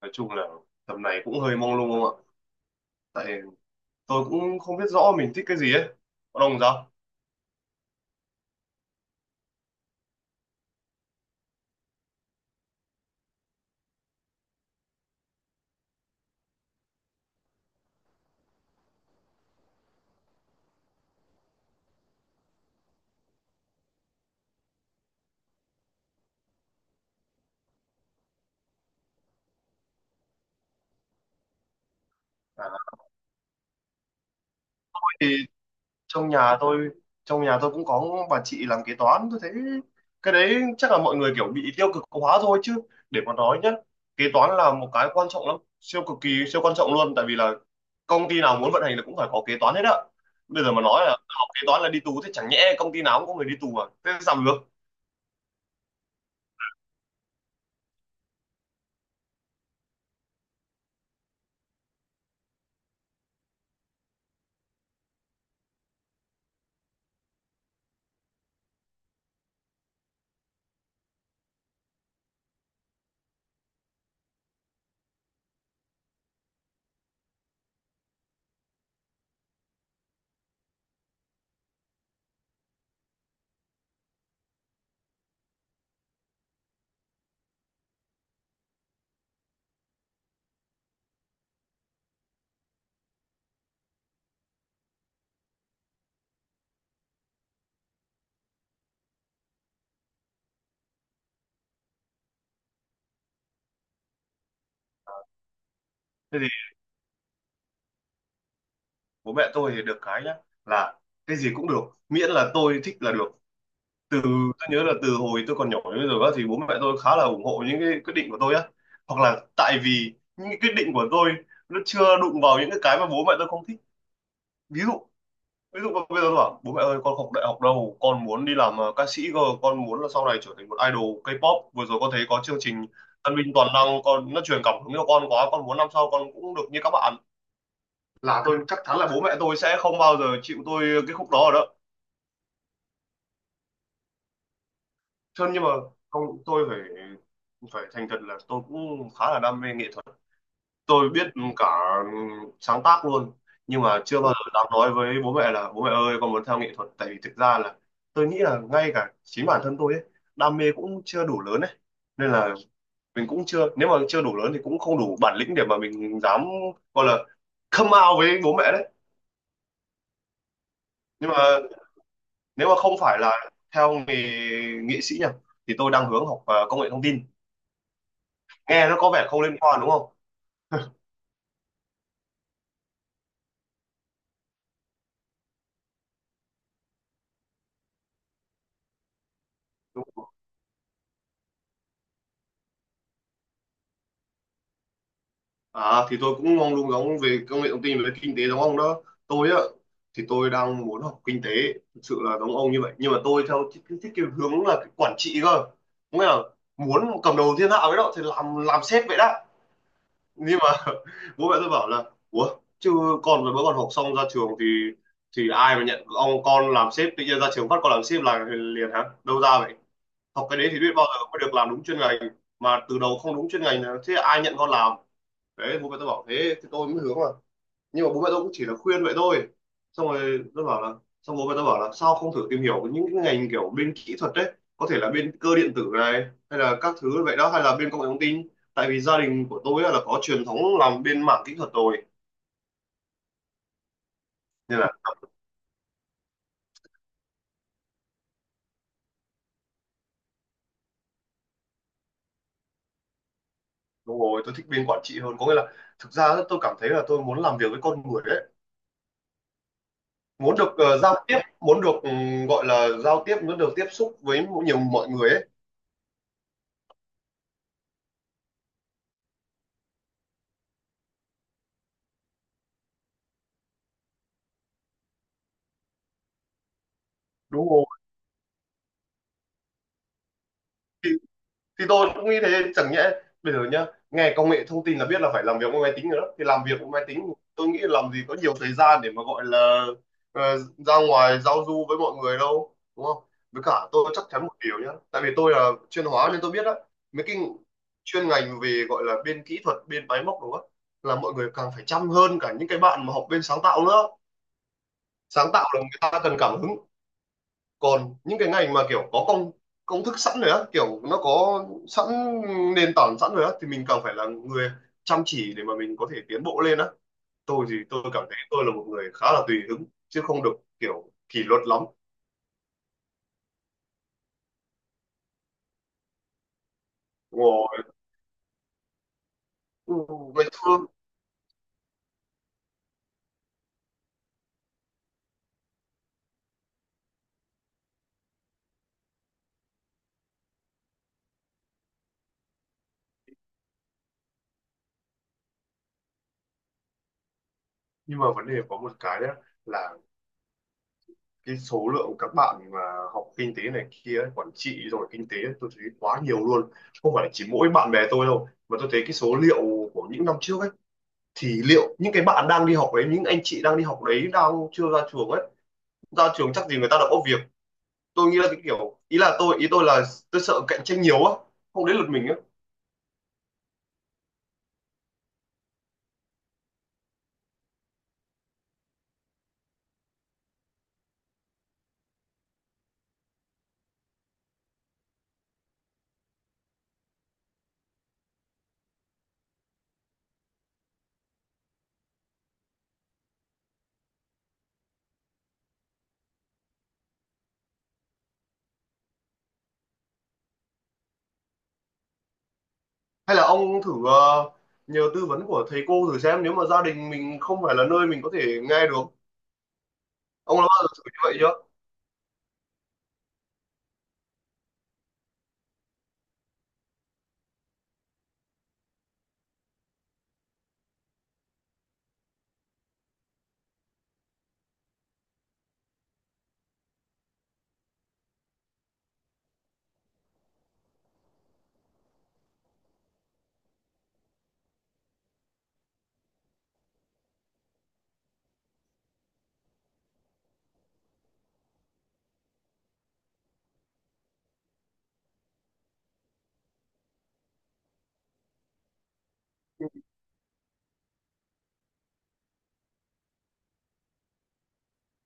Nói chung là tầm này cũng hơi mông lung không ạ. Tại tôi cũng không biết rõ mình thích cái gì ấy. Có đồng sao. À, thì trong nhà tôi trong nhà tôi cũng có bà chị làm kế toán, tôi thấy cái đấy chắc là mọi người kiểu bị tiêu cực hóa thôi chứ. Để mà nói nhá, kế toán là một cái quan trọng lắm, siêu cực kỳ siêu quan trọng luôn, tại vì là công ty nào muốn vận hành là cũng phải có kế toán hết á. Bây giờ mà nói là học kế toán là đi tù thì chẳng nhẽ công ty nào cũng có người đi tù à, thế làm được. Thế bố mẹ tôi thì được cái nhá, là cái gì cũng được, miễn là tôi thích là được. Từ tôi nhớ là từ hồi tôi còn nhỏ đến bây giờ á, thì bố mẹ tôi khá là ủng hộ những cái quyết định của tôi á, hoặc là tại vì những cái quyết định của tôi nó chưa đụng vào những cái mà bố mẹ tôi không thích. Ví dụ ví dụ mà bây giờ tôi bảo bố mẹ ơi, con không học đại học đâu, con muốn đi làm ca sĩ cơ, con muốn là sau này trở thành một idol K-pop. Vừa rồi con thấy có chương trình Tân binh toàn năng, con nó truyền cảm hứng cho con quá, con muốn năm sau con cũng được như các bạn, là tôi chắc chắn là bố mẹ tôi sẽ không bao giờ chịu tôi cái khúc đó rồi đó. Cho nhưng mà không, tôi phải phải thành thật là tôi cũng khá là đam mê nghệ thuật. Tôi biết cả sáng tác luôn. Nhưng mà chưa bao giờ dám nói với bố mẹ là bố mẹ ơi, con muốn theo nghệ thuật, tại vì thực ra là tôi nghĩ là ngay cả chính bản thân tôi ấy, đam mê cũng chưa đủ lớn ấy, nên là mình cũng chưa, nếu mà chưa đủ lớn thì cũng không đủ bản lĩnh để mà mình dám gọi là come out với bố mẹ đấy. Nhưng mà nếu mà không phải là theo nghề nghệ sĩ nhỉ, thì tôi đang hướng học công nghệ thông tin. Nghe nó có vẻ không liên quan đúng không? Đúng không? À thì tôi cũng mong đúng, giống về công nghệ thông tin, về kinh tế giống ông đó. Tôi á, thì tôi đang muốn học kinh tế, thực sự là giống ông như vậy, nhưng mà tôi theo thích, cái hướng là cái quản trị cơ, nghĩa là muốn cầm đầu thiên hạ với đó, thì làm sếp vậy đó. Nhưng mà bố mẹ tôi bảo là ủa chứ con mới còn học xong ra trường thì ai mà nhận ông con làm sếp, tự nhiên ra trường phát con làm sếp là liền hả, đâu ra vậy, học cái đấy thì biết bao giờ mới được làm đúng chuyên ngành, mà từ đầu không đúng chuyên ngành là thế ai nhận con làm. Đấy bố mẹ tôi bảo thế thì tôi mới hướng là, nhưng mà bố mẹ tôi cũng chỉ là khuyên vậy thôi. Xong rồi tôi bảo là, xong bố mẹ tôi bảo là sao không thử tìm hiểu những cái ngành kiểu bên kỹ thuật đấy, có thể là bên cơ điện tử này hay là các thứ vậy đó, hay là bên công nghệ thông tin, tại vì gia đình của tôi á là có truyền thống làm bên mảng kỹ thuật rồi, nên là. Đúng rồi, tôi thích bên quản trị hơn, có nghĩa là thực ra á, tôi cảm thấy là tôi muốn làm việc với con người đấy, muốn được giao tiếp, muốn được gọi là giao tiếp, muốn được tiếp xúc với nhiều mọi người ấy. Đúng rồi, thì tôi cũng nghĩ thế, chẳng nhẽ bây giờ nhá, nghe công nghệ thông tin là biết là phải làm việc với máy tính rồi đó, thì làm việc với máy tính tôi nghĩ làm gì có nhiều thời gian để mà gọi là ờ, ra ngoài giao du với mọi người đâu đúng không. Với cả tôi chắc chắn một điều nhá, tại vì tôi là chuyên hóa nên tôi biết đó, mấy cái chuyên ngành về gọi là bên kỹ thuật bên máy móc đúng không, là mọi người càng phải chăm hơn cả những cái bạn mà học bên sáng tạo nữa. Sáng tạo là người ta cần cảm hứng, còn những cái ngành mà kiểu có công công thức sẵn rồi á, kiểu nó có sẵn nền tảng sẵn rồi á, thì mình càng phải là người chăm chỉ để mà mình có thể tiến bộ lên á. Tôi thì tôi cảm thấy tôi là một người khá là tùy hứng chứ không được kiểu kỷ luật lắm. Ngồi ừ, ngày xưa. Nhưng mà vấn đề có một cái đấy, là cái số lượng các bạn mà học kinh tế này kia ấy, quản trị rồi kinh tế ấy, tôi thấy quá nhiều luôn, không phải chỉ mỗi bạn bè tôi đâu mà tôi thấy cái số liệu của những năm trước ấy, thì liệu những cái bạn đang đi học đấy, những anh chị đang đi học đấy, đang chưa ra trường ấy, ra trường chắc gì người ta đã có việc. Tôi nghĩ là cái kiểu, ý là tôi, ý tôi là tôi sợ cạnh tranh nhiều á, không đến lượt mình á. Hay là ông thử nhờ tư vấn của thầy cô thử xem, nếu mà gia đình mình không phải là nơi mình có thể nghe được. Ông đã bao giờ thử như vậy chưa?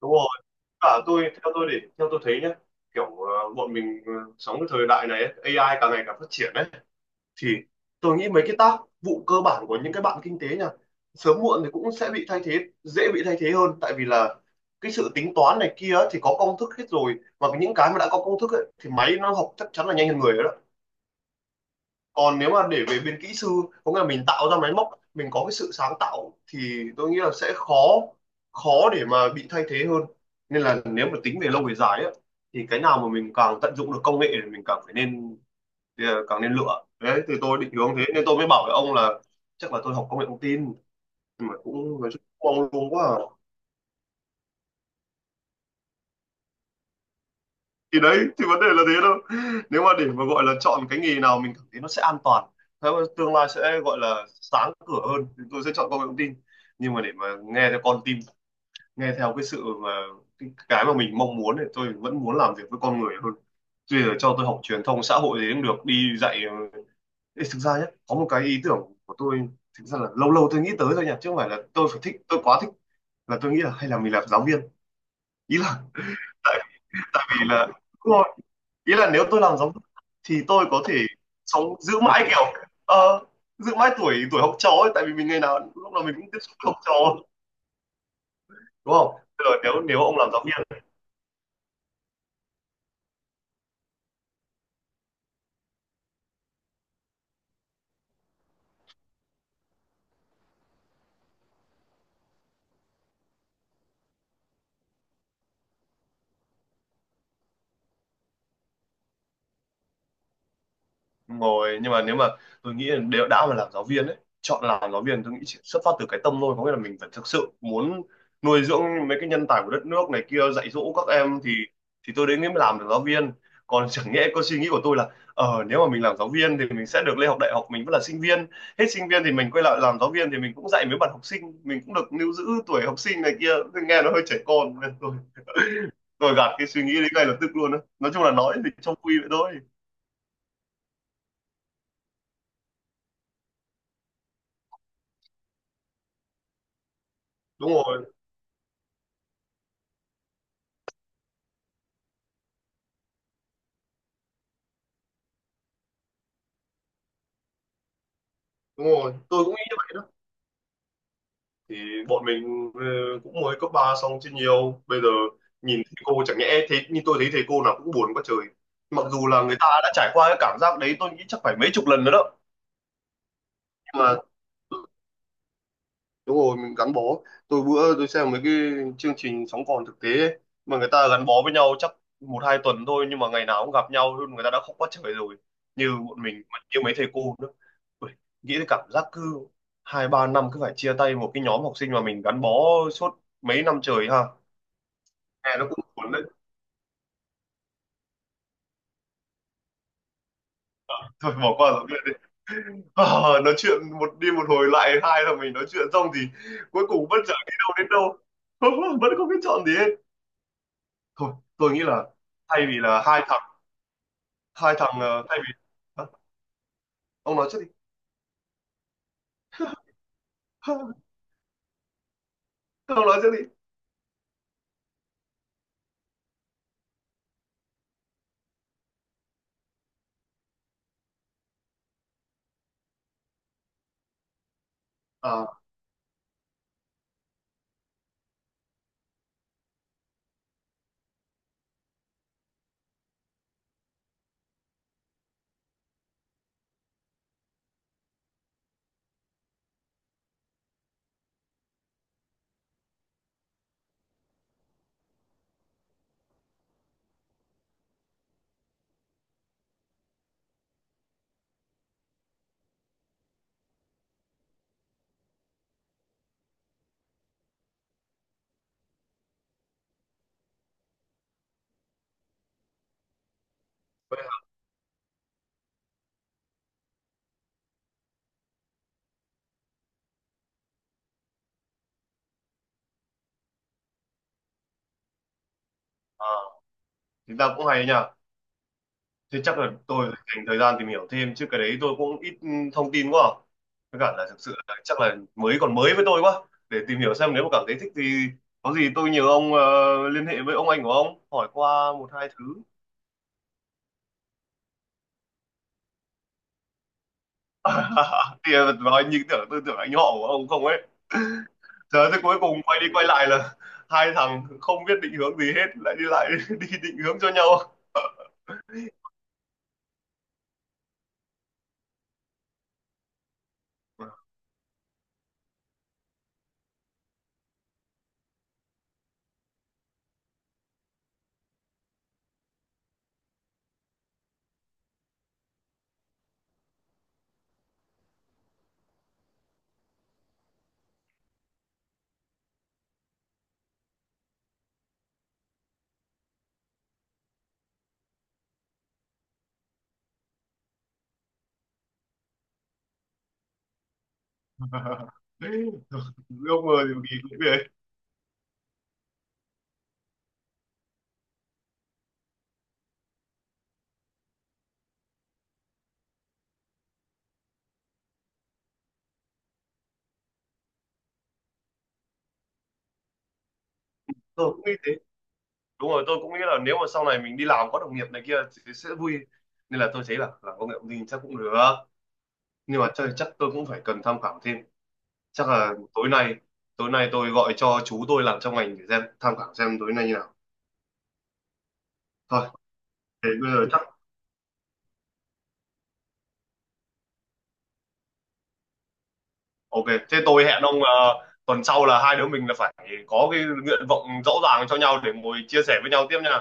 Đúng rồi, cả tôi theo tôi để theo tôi thấy nhá, kiểu bọn mình sống cái thời đại này ấy, AI càng ngày càng phát triển ấy. Thì tôi nghĩ mấy cái tác vụ cơ bản của những cái bạn kinh tế nha, sớm muộn thì cũng sẽ bị thay thế, dễ bị thay thế hơn tại vì là cái sự tính toán này kia ấy, thì có công thức hết rồi, và những cái mà đã có công thức ấy, thì máy nó học chắc chắn là nhanh hơn người đó. Còn nếu mà để về bên kỹ sư, có nghĩa là mình tạo ra máy móc, mình có cái sự sáng tạo thì tôi nghĩ là sẽ khó khó để mà bị thay thế hơn. Nên là nếu mà tính về lâu về dài ấy, thì cái nào mà mình càng tận dụng được công nghệ thì mình càng phải nên, thì càng nên lựa đấy, thì tôi định hướng thế nên tôi mới bảo với ông là chắc là tôi học công nghệ thông tin, nhưng mà cũng nói chung cũng mong luôn quá à. Thì đấy thì vấn đề là thế đâu, nếu mà để mà gọi là chọn cái nghề nào mình cảm thấy nó sẽ an toàn, thế mà tương lai sẽ gọi là sáng cửa hơn thì tôi sẽ chọn công nghệ thông tin. Nhưng mà để mà nghe theo con tim, nghe theo cái sự mà cái mà mình mong muốn thì tôi vẫn muốn làm việc với con người hơn. Tuy là cho tôi học truyền thông xã hội gì cũng được, đi dạy. Ờ, Ê, thực ra nhé có một cái ý tưởng của tôi, thực ra là lâu lâu tôi nghĩ tới thôi nhỉ, chứ không phải là tôi phải thích, tôi quá thích, là tôi nghĩ là hay là mình làm giáo viên. Ý là tại tại vì là đúng rồi, ý là nếu tôi làm giáo viên thì tôi có thể sống, giữ mãi kiểu ờ, giữ mãi tuổi tuổi học trò ấy, tại vì mình ngày nào lúc nào mình cũng tiếp xúc với học trò đúng không. Bây giờ nếu nếu ông làm giáo viên. Đúng rồi, nhưng mà nếu mà tôi nghĩ là đều đã mà làm giáo viên ấy, chọn làm giáo viên tôi nghĩ chỉ xuất phát từ cái tâm thôi, có nghĩa là mình phải thực sự muốn nuôi dưỡng mấy cái nhân tài của đất nước này kia, dạy dỗ các em thì tôi đến mới làm được giáo viên. Còn chẳng nhẽ có suy nghĩ của tôi là nếu mà mình làm giáo viên thì mình sẽ được lên học đại học, mình vẫn là sinh viên, hết sinh viên thì mình quay lại làm giáo viên, thì mình cũng dạy mấy bạn học sinh, mình cũng được lưu giữ tuổi học sinh này kia. Tôi nghe nó hơi trẻ con nên tôi tôi gạt cái suy nghĩ đấy ngay lập tức luôn á, nói chung là nói thì trong quy vậy thôi. Đúng rồi. Đúng rồi, tôi cũng nghĩ như vậy đó. Thì bọn mình cũng mới cấp 3 xong chứ nhiều. Bây giờ nhìn thầy cô chẳng nhẽ thế, nhưng tôi thấy thầy cô nào cũng buồn quá trời. Mặc dù là người ta đã trải qua cái cảm giác đấy tôi nghĩ chắc phải mấy chục lần nữa đó. Nhưng mà đúng rồi, mình gắn bó, tôi bữa tôi xem mấy cái chương trình sống còn thực tế ấy, mà người ta gắn bó với nhau chắc một hai tuần thôi, nhưng mà ngày nào cũng gặp nhau luôn, người ta đã khóc quá trời rồi, như bọn mình mà như mấy thầy cô nữa. Ui, nghĩ đến cảm giác cứ hai ba năm cứ phải chia tay một cái nhóm học sinh mà mình gắn bó suốt mấy năm trời ha, nghe nó cũng buồn đấy. Thôi bỏ qua rồi đi. À, nói chuyện một đi một hồi lại hai là mình nói chuyện xong thì cuối cùng vẫn chẳng đi đâu đến đâu. Vẫn không biết chọn gì hết. Thôi tôi nghĩ là thay vì là hai thằng, hai thằng thay vì. Hả? Ông nói trước đi. Ông nói trước đi. À, vậy là- à thì ta cũng hay nha, thế chắc là tôi phải dành thời gian tìm hiểu thêm chứ, cái đấy tôi cũng ít thông tin quá à. Với cả là thực sự là chắc là mới còn mới với tôi quá, để tìm hiểu xem nếu mà cảm thấy thích thì có gì tôi nhờ ông liên hệ với ông anh của ông hỏi qua một hai thứ. Thì nói như tưởng, tôi tưởng anh họ của ông không ấy. Trời, tới cuối cùng quay đi quay lại là hai thằng không biết định hướng gì hết lại đi lại đi định hướng cho nhau. Ước mơ thì kỳ cũng vậy. Tôi cũng nghĩ thế. Đúng rồi, tôi cũng nghĩ là nếu mà sau này mình đi làm có đồng nghiệp này kia thì sẽ vui, nên là tôi thấy là làm công nghệ thông tin chắc cũng được. Nhưng mà chắc, tôi cũng phải cần tham khảo thêm. Chắc là tối nay tôi gọi cho chú tôi làm trong ngành để xem tham khảo xem tối nay như nào. Thôi thế bây giờ. Ok, thế tôi hẹn ông tuần sau là hai đứa mình là phải có cái nguyện vọng rõ ràng cho nhau để ngồi chia sẻ với nhau tiếp nha.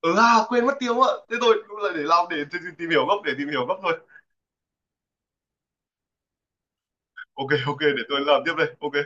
Ừ à, quên mất tiêu ạ. Thế tôi cũng là để làm để, tìm tìm hiểu gấp để tìm hiểu gấp thôi. Ok ok để tôi làm tiếp đây. Ok.